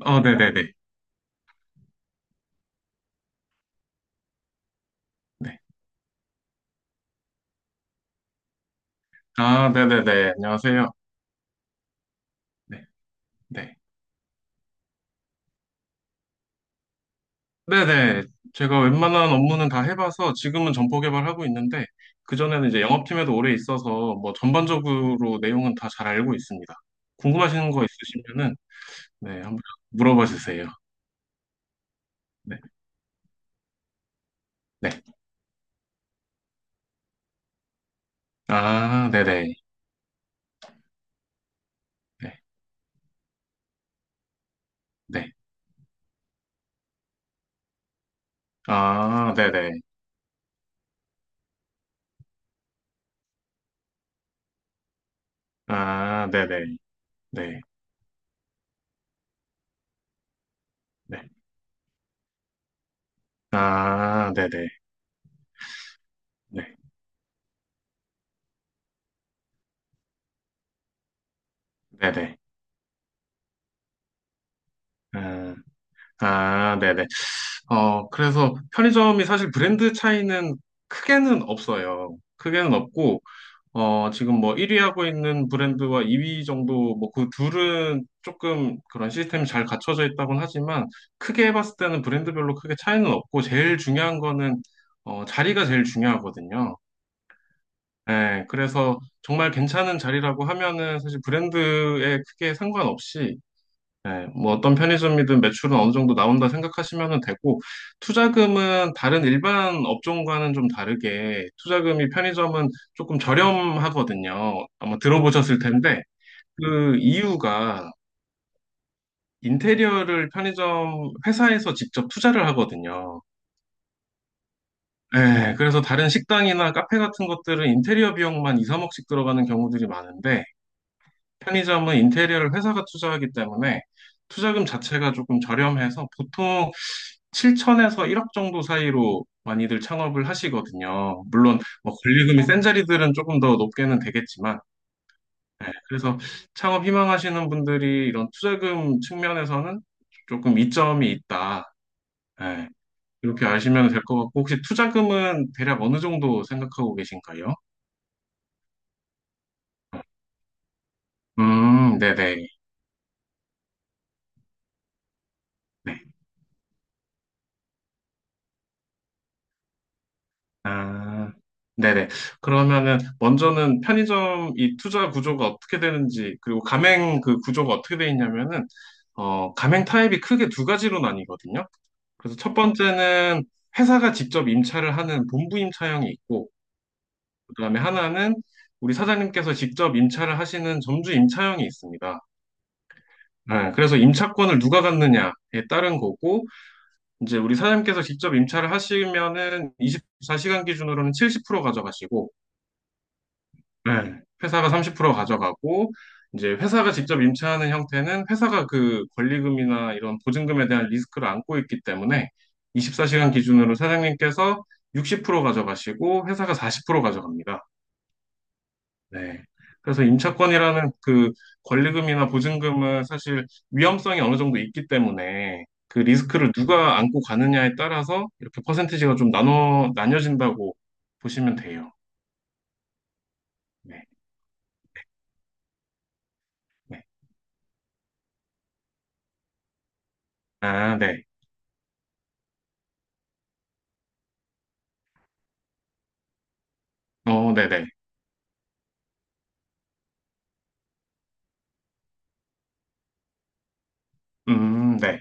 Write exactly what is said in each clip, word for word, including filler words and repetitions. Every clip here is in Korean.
어, 네네네. 네. 아, 네네네. 안녕하세요. 네, 네. 네네. 제가 웬만한 업무는 다 해봐서 지금은 점포 개발하고 있는데, 그전에는 이제 영업팀에도 오래 있어서 뭐 전반적으로 내용은 다 잘 알고 있습니다. 궁금하신 거 있으시면은, 네, 한번 물어봐 주세요. 네, 네. 아, 네네. 네, 네. 아, 네네. 아, 네네. 네, 네. 아, 네네. 네, 네네. 아, 아, 네네. 어, 그래서 편의점이 사실 브랜드 차이는 크게는 없어요. 크게는 없고, 어, 지금 뭐 일 위 하고 있는 브랜드와 이 위 정도, 뭐 그 둘은 조금 그런 시스템이 잘 갖춰져 있다곤 하지만, 크게 해 봤을 때는 브랜드별로 크게 차이는 없고, 제일 중요한 거는, 어, 자리가 제일 중요하거든요. 예, 그래서 정말 괜찮은 자리라고 하면은 사실 브랜드에 크게 상관없이 네, 뭐 어떤 편의점이든 매출은 어느 정도 나온다 생각하시면 되고, 투자금은 다른 일반 업종과는 좀 다르게, 투자금이 편의점은 조금 저렴하거든요. 아마 들어보셨을 텐데, 그 이유가 인테리어를 편의점 회사에서 직접 투자를 하거든요. 네, 그래서 다른 식당이나 카페 같은 것들은 인테리어 비용만 이, 삼억씩 들어가는 경우들이 많은데, 편의점은 인테리어를 회사가 투자하기 때문에 투자금 자체가 조금 저렴해서 보통 칠천에서 일억 정도 사이로 많이들 창업을 하시거든요. 물론 뭐 권리금이 센 자리들은 조금 더 높게는 되겠지만, 네, 그래서 창업 희망하시는 분들이 이런 투자금 측면에서는 조금 이점이 있다. 네, 이렇게 아시면 될 것 같고, 혹시 투자금은 대략 어느 정도 생각하고 계신가요? 음, 네네. 네. 아, 네네. 그러면은 먼저는 편의점 이 투자 구조가 어떻게 되는지 그리고 가맹 그 구조가 어떻게 돼 있냐면은 어, 가맹 타입이 크게 두 가지로 나뉘거든요. 그래서 첫 번째는 회사가 직접 임차를 하는 본부 임차형이 있고 그다음에 하나는 우리 사장님께서 직접 임차를 하시는 점주 임차형이 있습니다. 네, 그래서 임차권을 누가 갖느냐에 따른 거고 이제 우리 사장님께서 직접 임차를 하시면은 이십사 시간 기준으로는 칠십 프로 가져가시고 네, 회사가 삼십 프로 가져가고, 이제 회사가 직접 임차하는 형태는 회사가 그 권리금이나 이런 보증금에 대한 리스크를 안고 있기 때문에 이십사 시간 기준으로 사장님께서 육십 프로 가져가시고, 회사가 사십 프로 가져갑니다. 네. 그래서 임차권이라는 그 권리금이나 보증금은 사실 위험성이 어느 정도 있기 때문에 그 리스크를 누가 안고 가느냐에 따라서 이렇게 퍼센티지가 좀 나눠, 나뉘어진다고 보시면 돼요. 네. 네. 아, 네. 어, 네네. 음, 네.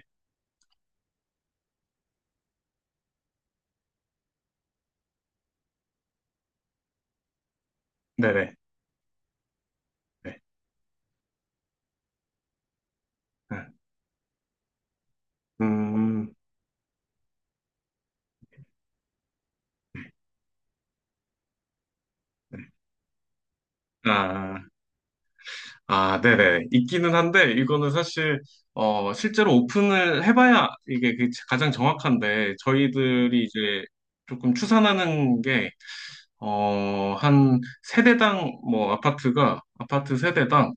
네네. 네. 네. 음, 네. 네. 아, 아, 네네. 있기는 한데, 이거는 사실, 어, 실제로 오픈을 해봐야 이게 그 가장 정확한데, 저희들이 이제 조금 추산하는 게, 어, 한 세대당, 뭐, 아파트가, 아파트 세대당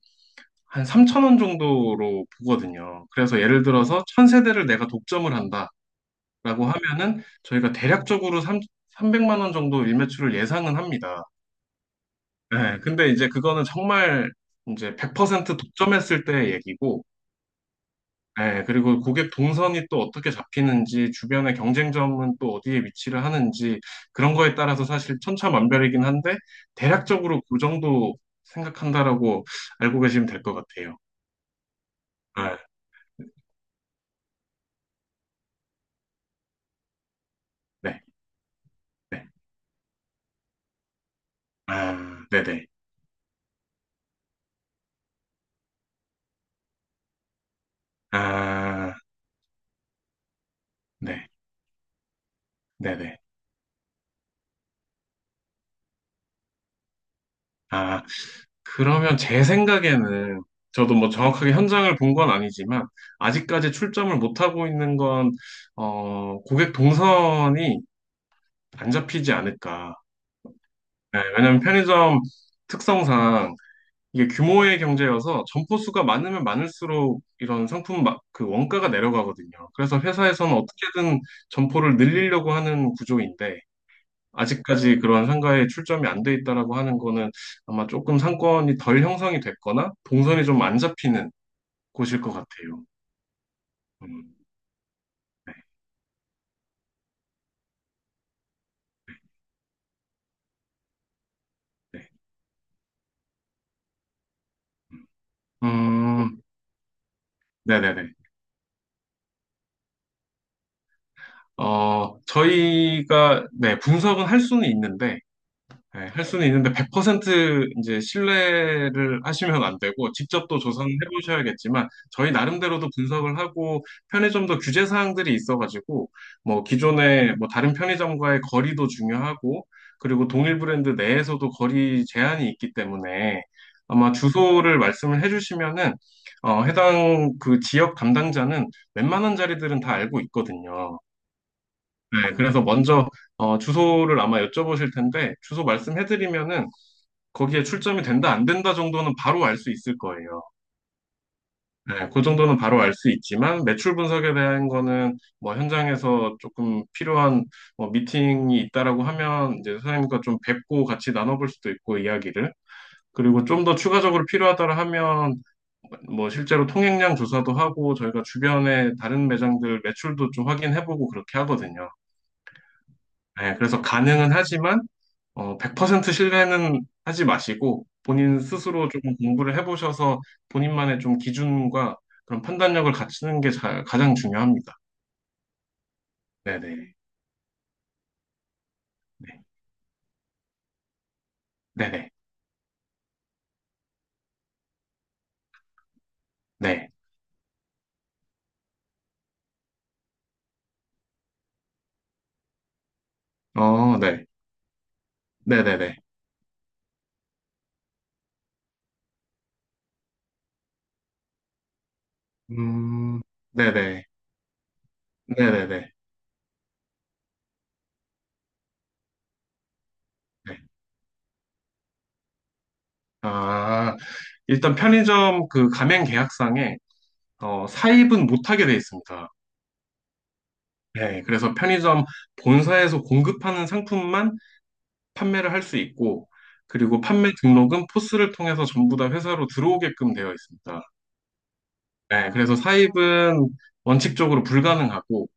한 삼천 원 정도로 보거든요. 그래서 예를 들어서 천 세대를 내가 독점을 한다라고 하면은, 저희가 대략적으로 삼 삼백만 원 정도 일매출을 예상은 합니다. 네, 근데 이제 그거는 정말 이제 백 퍼센트 독점했을 때의 얘기고, 네, 그리고 고객 동선이 또 어떻게 잡히는지, 주변의 경쟁점은 또 어디에 위치를 하는지, 그런 거에 따라서 사실 천차만별이긴 한데, 대략적으로 그 정도 생각한다라고 알고 계시면 될 것 같아요. 아, 네, 네. 아, 네네. 아, 네, 네네. 아, 그러면 제 생각에는 저도 뭐 정확하게 현장을 본 건 아니지만 아직까지 출점을 못 하고 있는 건 어, 고객 동선이 안 잡히지 않을까. 네, 왜냐하면 편의점 특성상 이게 규모의 경제여서 점포 수가 많으면 많을수록 이런 상품 마- 그 원가가 내려가거든요. 그래서 회사에서는 어떻게든 점포를 늘리려고 하는 구조인데 아직까지 그런 상가에 출점이 안 돼 있다라고 하는 거는 아마 조금 상권이 덜 형성이 됐거나 동선이 좀 안 잡히는 곳일 것 같아요. 음, 네, 네. 음, 네네네. 어, 저희가, 네, 분석은 할 수는 있는데, 네, 할 수는 있는데 백 퍼센트 이제 신뢰를 하시면 안 되고 직접 또 조사는 해보셔야겠지만 저희 나름대로도 분석을 하고 편의점도 규제 사항들이 있어가지고 뭐 기존에 뭐 다른 편의점과의 거리도 중요하고 그리고 동일 브랜드 내에서도 거리 제한이 있기 때문에 아마 주소를 말씀을 해주시면은 어, 해당 그 지역 담당자는 웬만한 자리들은 다 알고 있거든요. 네, 그래서 먼저 어, 주소를 아마 여쭤보실 텐데 주소 말씀해드리면은 거기에 출점이 된다, 안 된다 정도는 바로 알 수 있을 거예요. 네, 그 정도는 바로 알 수 있지만, 매출 분석에 대한 거는 뭐 현장에서 조금 필요한 뭐 미팅이 있다라고 하면 이제 선생님과 좀 뵙고 같이 나눠볼 수도 있고, 이야기를. 그리고 좀 더 추가적으로 필요하다라 하면 뭐 실제로 통행량 조사도 하고 저희가 주변에 다른 매장들 매출도 좀 확인해보고 그렇게 하거든요. 네, 그래서 가능은 하지만 어, 백 퍼센트 신뢰는 하지 마시고 본인 스스로 좀 공부를 해보셔서 본인만의 좀 기준과 그런 판단력을 갖추는 게 자- 가장 중요합니다. 네네. 네. 네네. 네. 어, 네. 네네네. 음, 네네. 네네네. 네. 아, 일단 편의점 그 가맹 계약상에 어, 사입은 못하게 돼 있습니다. 네. 그래서 편의점 본사에서 공급하는 상품만 판매를 할 수 있고, 그리고 판매 등록은 포스를 통해서 전부 다 회사로 들어오게끔 되어 있습니다. 네, 그래서 사입은 원칙적으로 불가능하고,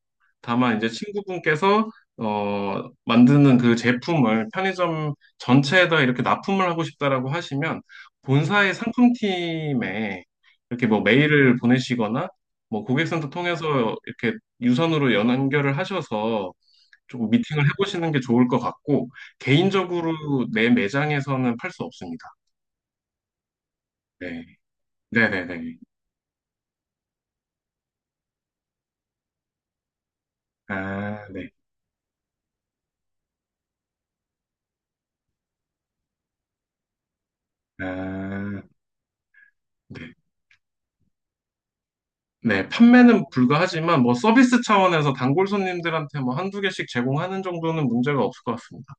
다만 이제 친구분께서 어, 만드는 그 제품을 편의점 전체에다 이렇게 납품을 하고 싶다라고 하시면 본사의 상품팀에 이렇게 뭐 메일을 보내시거나 뭐 고객센터 통해서 이렇게 유선으로 연결을 하셔서 조금 미팅을 해보시는 게 좋을 것 같고, 개인적으로 내 매장에서는 팔 수 없습니다. 네. 네네네. 아, 네. 아, 네. 네. 판매는 불가하지만, 뭐, 서비스 차원에서 단골 손님들한테 뭐, 한두 개씩 제공하는 정도는 문제가 없을 것 같습니다.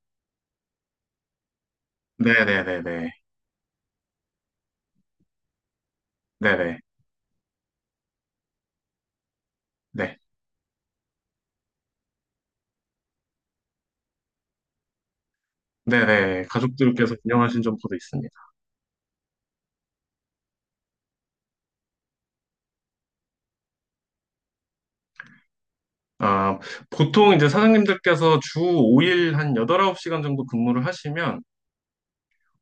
네네네네. 네네. 네. 네네. 가족들께서 운영하신 점포도 있습니다. 아, 보통 이제 사장님들께서 주 오 일 한 여덟, 아홉 시간 정도 근무를 하시면,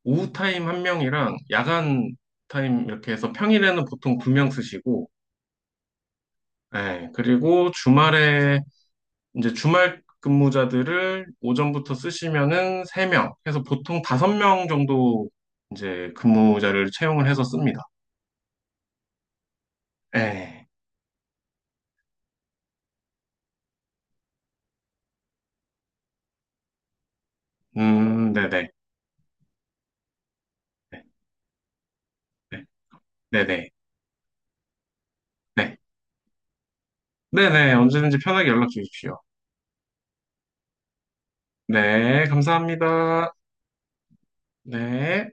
오후 타임 한 명이랑 야간 타임 이렇게 해서 평일에는 보통 두 명 쓰시고, 예, 그리고 주말에 이제 주말 근무자들을 오전부터 쓰시면은 세 명, 해서 보통 다섯 명 정도 이제 근무자를 채용을 해서 씁니다. 예, 음, 네네, 네, 네네, 네, 네네, 언제든지 편하게 연락 주십시오. 네, 감사합니다. 네.